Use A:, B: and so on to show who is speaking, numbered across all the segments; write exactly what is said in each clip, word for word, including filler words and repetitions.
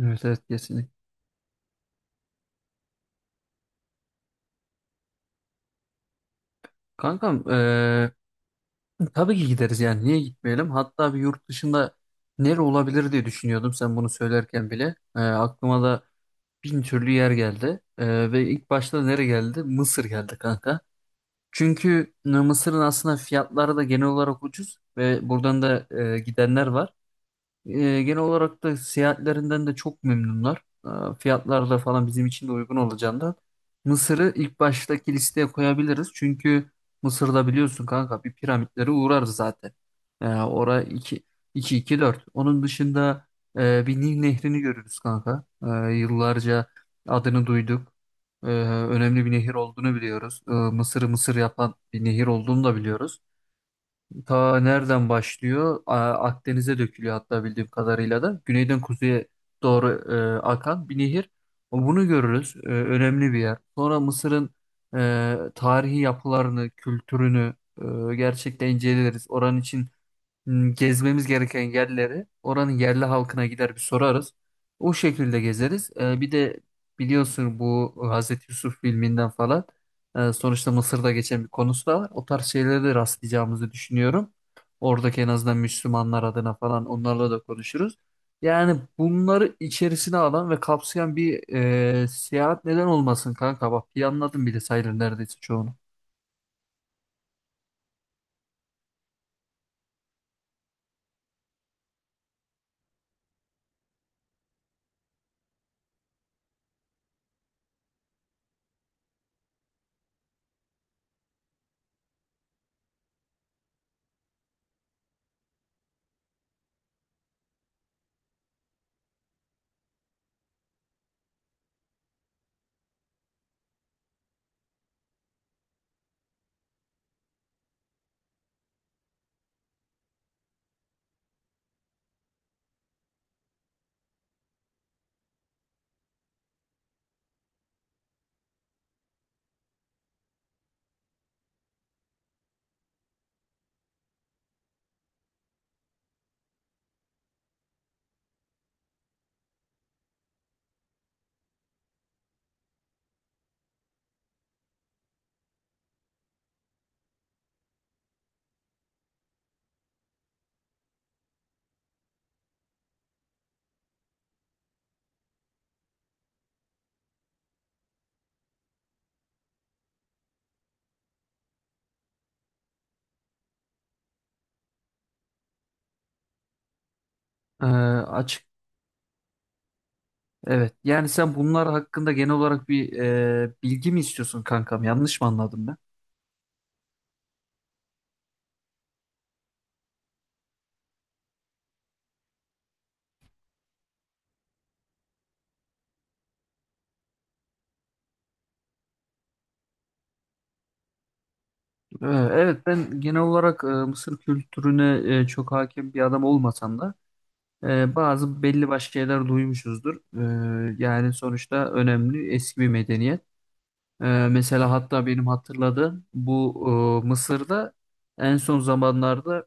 A: Evet, evet, kesinlikle. Kankam, eee, tabii ki gideriz, yani niye gitmeyelim? Hatta bir yurt dışında nere olabilir diye düşünüyordum sen bunu söylerken bile. Eee, aklıma da bin türlü yer geldi. Eee, ve ilk başta nere geldi? Mısır geldi kanka. Çünkü e, Mısır'ın aslında fiyatları da genel olarak ucuz ve buradan da e, gidenler var. E, Genel olarak da seyahatlerinden de çok memnunlar. E, fiyatlar da falan bizim için de uygun olacağından. Mısır'ı ilk baştaki listeye koyabiliriz. Çünkü Mısır'da biliyorsun kanka bir piramitlere uğrarız zaten. E, ora iki iki 2 dört. Onun dışında e, bir Nil nehrini görürüz kanka. E, yıllarca adını duyduk. E, önemli bir nehir olduğunu biliyoruz. E, Mısır'ı Mısır yapan bir nehir olduğunu da biliyoruz. Ta nereden başlıyor? A- Akdeniz'e dökülüyor hatta bildiğim kadarıyla da. Güneyden kuzeye doğru e, akan bir nehir. Bunu görürüz. E, önemli bir yer. Sonra Mısır'ın e, tarihi yapılarını, kültürünü e, gerçekten inceleriz. Oranın için m, gezmemiz gereken yerleri oranın yerli halkına gider bir sorarız. O şekilde gezeriz. E, bir de biliyorsun bu Hazreti Yusuf filminden falan e, sonuçta Mısır'da geçen bir konusu da var. O tarz şeylere de rastlayacağımızı düşünüyorum. Oradaki en azından Müslümanlar adına falan onlarla da konuşuruz. Yani bunları içerisine alan ve kapsayan bir e, seyahat neden olmasın kanka? Bak planladım bile sayılır neredeyse çoğunu. E, Evet. Yani sen bunlar hakkında genel olarak bir e, bilgi mi istiyorsun kankam? Yanlış mı anladım ben? Ee, Evet, ben genel olarak e, Mısır kültürüne e, çok hakim bir adam olmasam da e, bazı belli başlı şeyler duymuşuzdur. E, yani sonuçta önemli eski bir medeniyet. E, Mesela hatta benim hatırladığım bu e, Mısır'da en son zamanlarda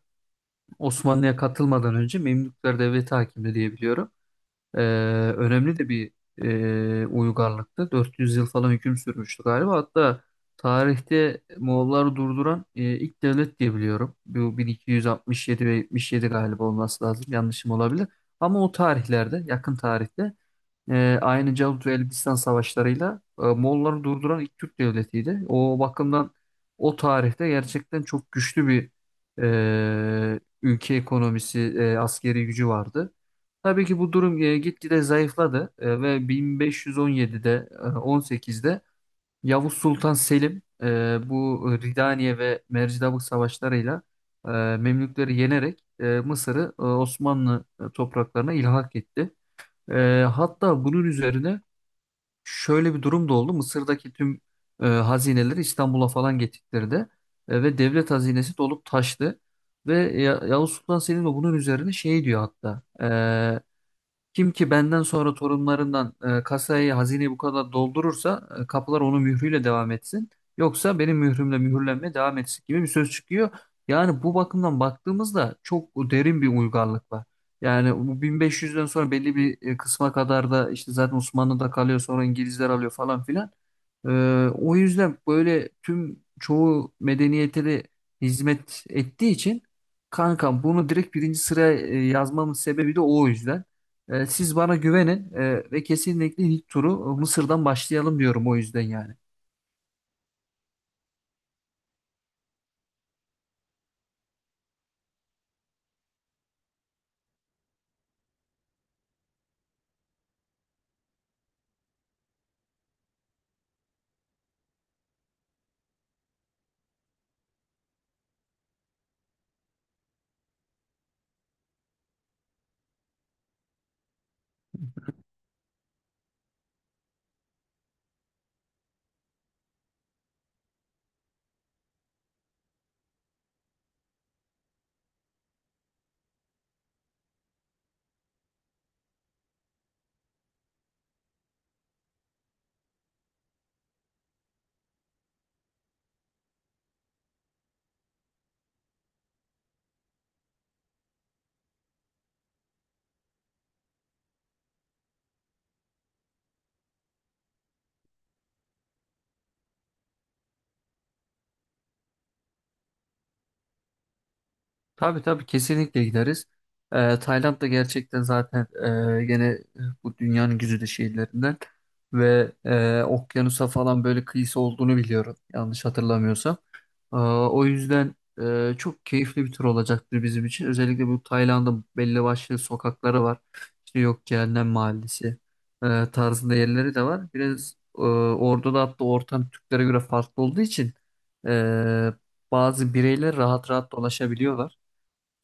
A: Osmanlı'ya katılmadan önce Memlükler Devleti hakimdi diye biliyorum. Ee, Önemli de bir e, uygarlıktı. dört yüz yıl falan hüküm sürmüştü galiba. Hatta tarihte Moğolları durduran e, ilk devlet diye biliyorum. Bu bin iki yüz altmış yedi ve yetmiş yedi galiba olması lazım. Yanlışım olabilir. Ama o tarihlerde, yakın tarihte e, aynı Calut ve Elbistan savaşlarıyla e, Moğolları durduran ilk Türk devletiydi. O bakımdan o tarihte gerçekten çok güçlü bir e, ülke ekonomisi, e, askeri gücü vardı. Tabii ki bu durum e, gitgide zayıfladı e, ve bin beş yüz on yedide, e, on sekizde Yavuz Sultan Selim e, bu Ridaniye ve Mercidabık savaşlarıyla e, Memlükleri yenerek e, Mısır'ı e, Osmanlı e, topraklarına ilhak etti. Ee, hatta bunun üzerine şöyle bir durum da oldu. Mısır'daki tüm e, hazineleri İstanbul'a falan getirdi ve devlet hazinesi dolup taştı. Ve Ya- Yavuz Sultan Selim de bunun üzerine şey diyor hatta. Kim ki benden sonra torunlarından e, kasayı, hazineyi bu kadar doldurursa e, kapılar onun mührüyle devam etsin. Yoksa benim mührümle mühürlenmeye devam etsin gibi bir söz çıkıyor. Yani bu bakımdan baktığımızda çok derin bir uygarlık var. Yani bu bin beş yüzden sonra belli bir e, kısma kadar da işte zaten Osmanlı'da kalıyor, sonra İngilizler alıyor falan filan. E, O yüzden böyle tüm çoğu medeniyete de hizmet ettiği için kankam bunu direkt birinci sıraya e, yazmamın sebebi de o yüzden. Ee, siz bana güvenin e, ve kesinlikle ilk turu e, Mısır'dan başlayalım diyorum o yüzden yani. Tabii, tabii, kesinlikle gideriz. Ee, Tayland da gerçekten zaten e, gene e, bu dünyanın güzide şehirlerinden ve e, okyanusa falan böyle kıyısı olduğunu biliyorum yanlış hatırlamıyorsam. Aa, O yüzden e, çok keyifli bir tur olacaktır bizim için. Özellikle bu Tayland'ın belli başlı sokakları var. İşte yok Cehennem Mahallesi e, tarzında yerleri de var. Biraz e, orada da hatta ortam Türklere göre farklı olduğu için e, bazı bireyler rahat rahat dolaşabiliyorlar.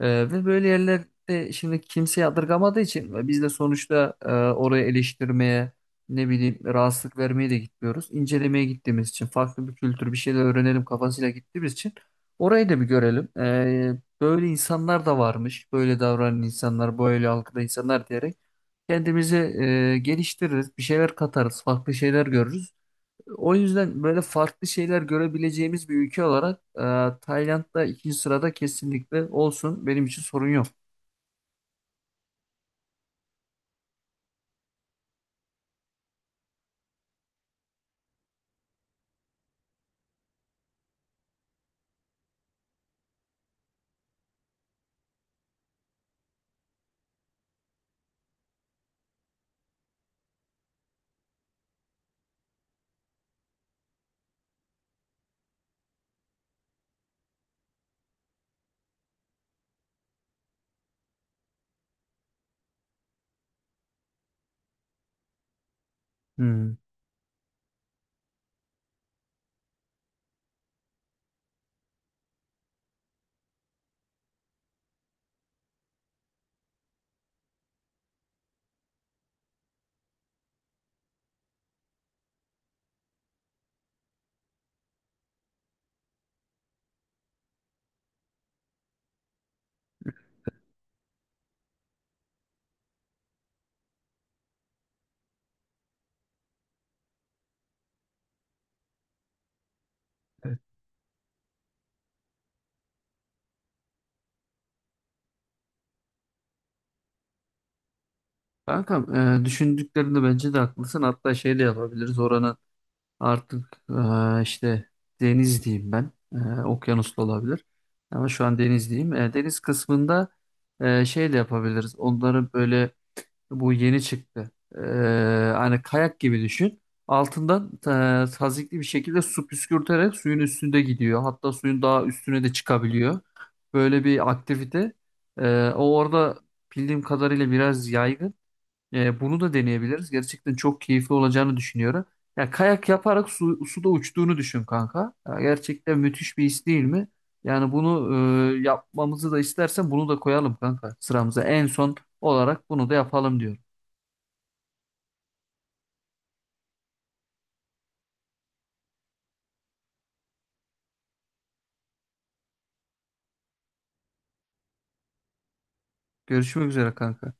A: Ee, ve böyle yerlerde şimdi kimse yadırgamadığı için ve biz de sonuçta e, oraya eleştirmeye ne bileyim rahatsızlık vermeye de gitmiyoruz. İncelemeye gittiğimiz için, farklı bir kültür, bir şeyler öğrenelim kafasıyla gittiğimiz için orayı da bir görelim. Ee, böyle insanlar da varmış, böyle davranan insanlar, böyle algıda insanlar diyerek kendimizi e, geliştiririz, bir şeyler katarız, farklı şeyler görürüz. O yüzden böyle farklı şeyler görebileceğimiz bir ülke olarak e, Tayland'da ikinci sırada kesinlikle olsun. Benim için sorun yok. Hmm, evet. Kankam, e, düşündüklerinde bence de haklısın. Hatta şey de yapabiliriz. Oranın artık e, işte deniz diyeyim ben. E, okyanus da olabilir. Ama şu an deniz diyeyim. E, deniz kısmında e, şey de yapabiliriz. Onları böyle bu yeni çıktı. Ee, hani kayak gibi düşün. Altından e, tazikli bir şekilde su püskürterek suyun üstünde gidiyor. Hatta suyun daha üstüne de çıkabiliyor. Böyle bir aktivite. Ee, o orada bildiğim kadarıyla biraz yaygın. Ee, bunu da deneyebiliriz. Gerçekten çok keyifli olacağını düşünüyorum. Ya kayak yaparak su, suda uçtuğunu düşün kanka. Ya gerçekten müthiş bir his değil mi? Yani bunu e, yapmamızı da istersen bunu da koyalım kanka sıramıza. En son olarak bunu da yapalım diyorum. Görüşmek üzere kanka.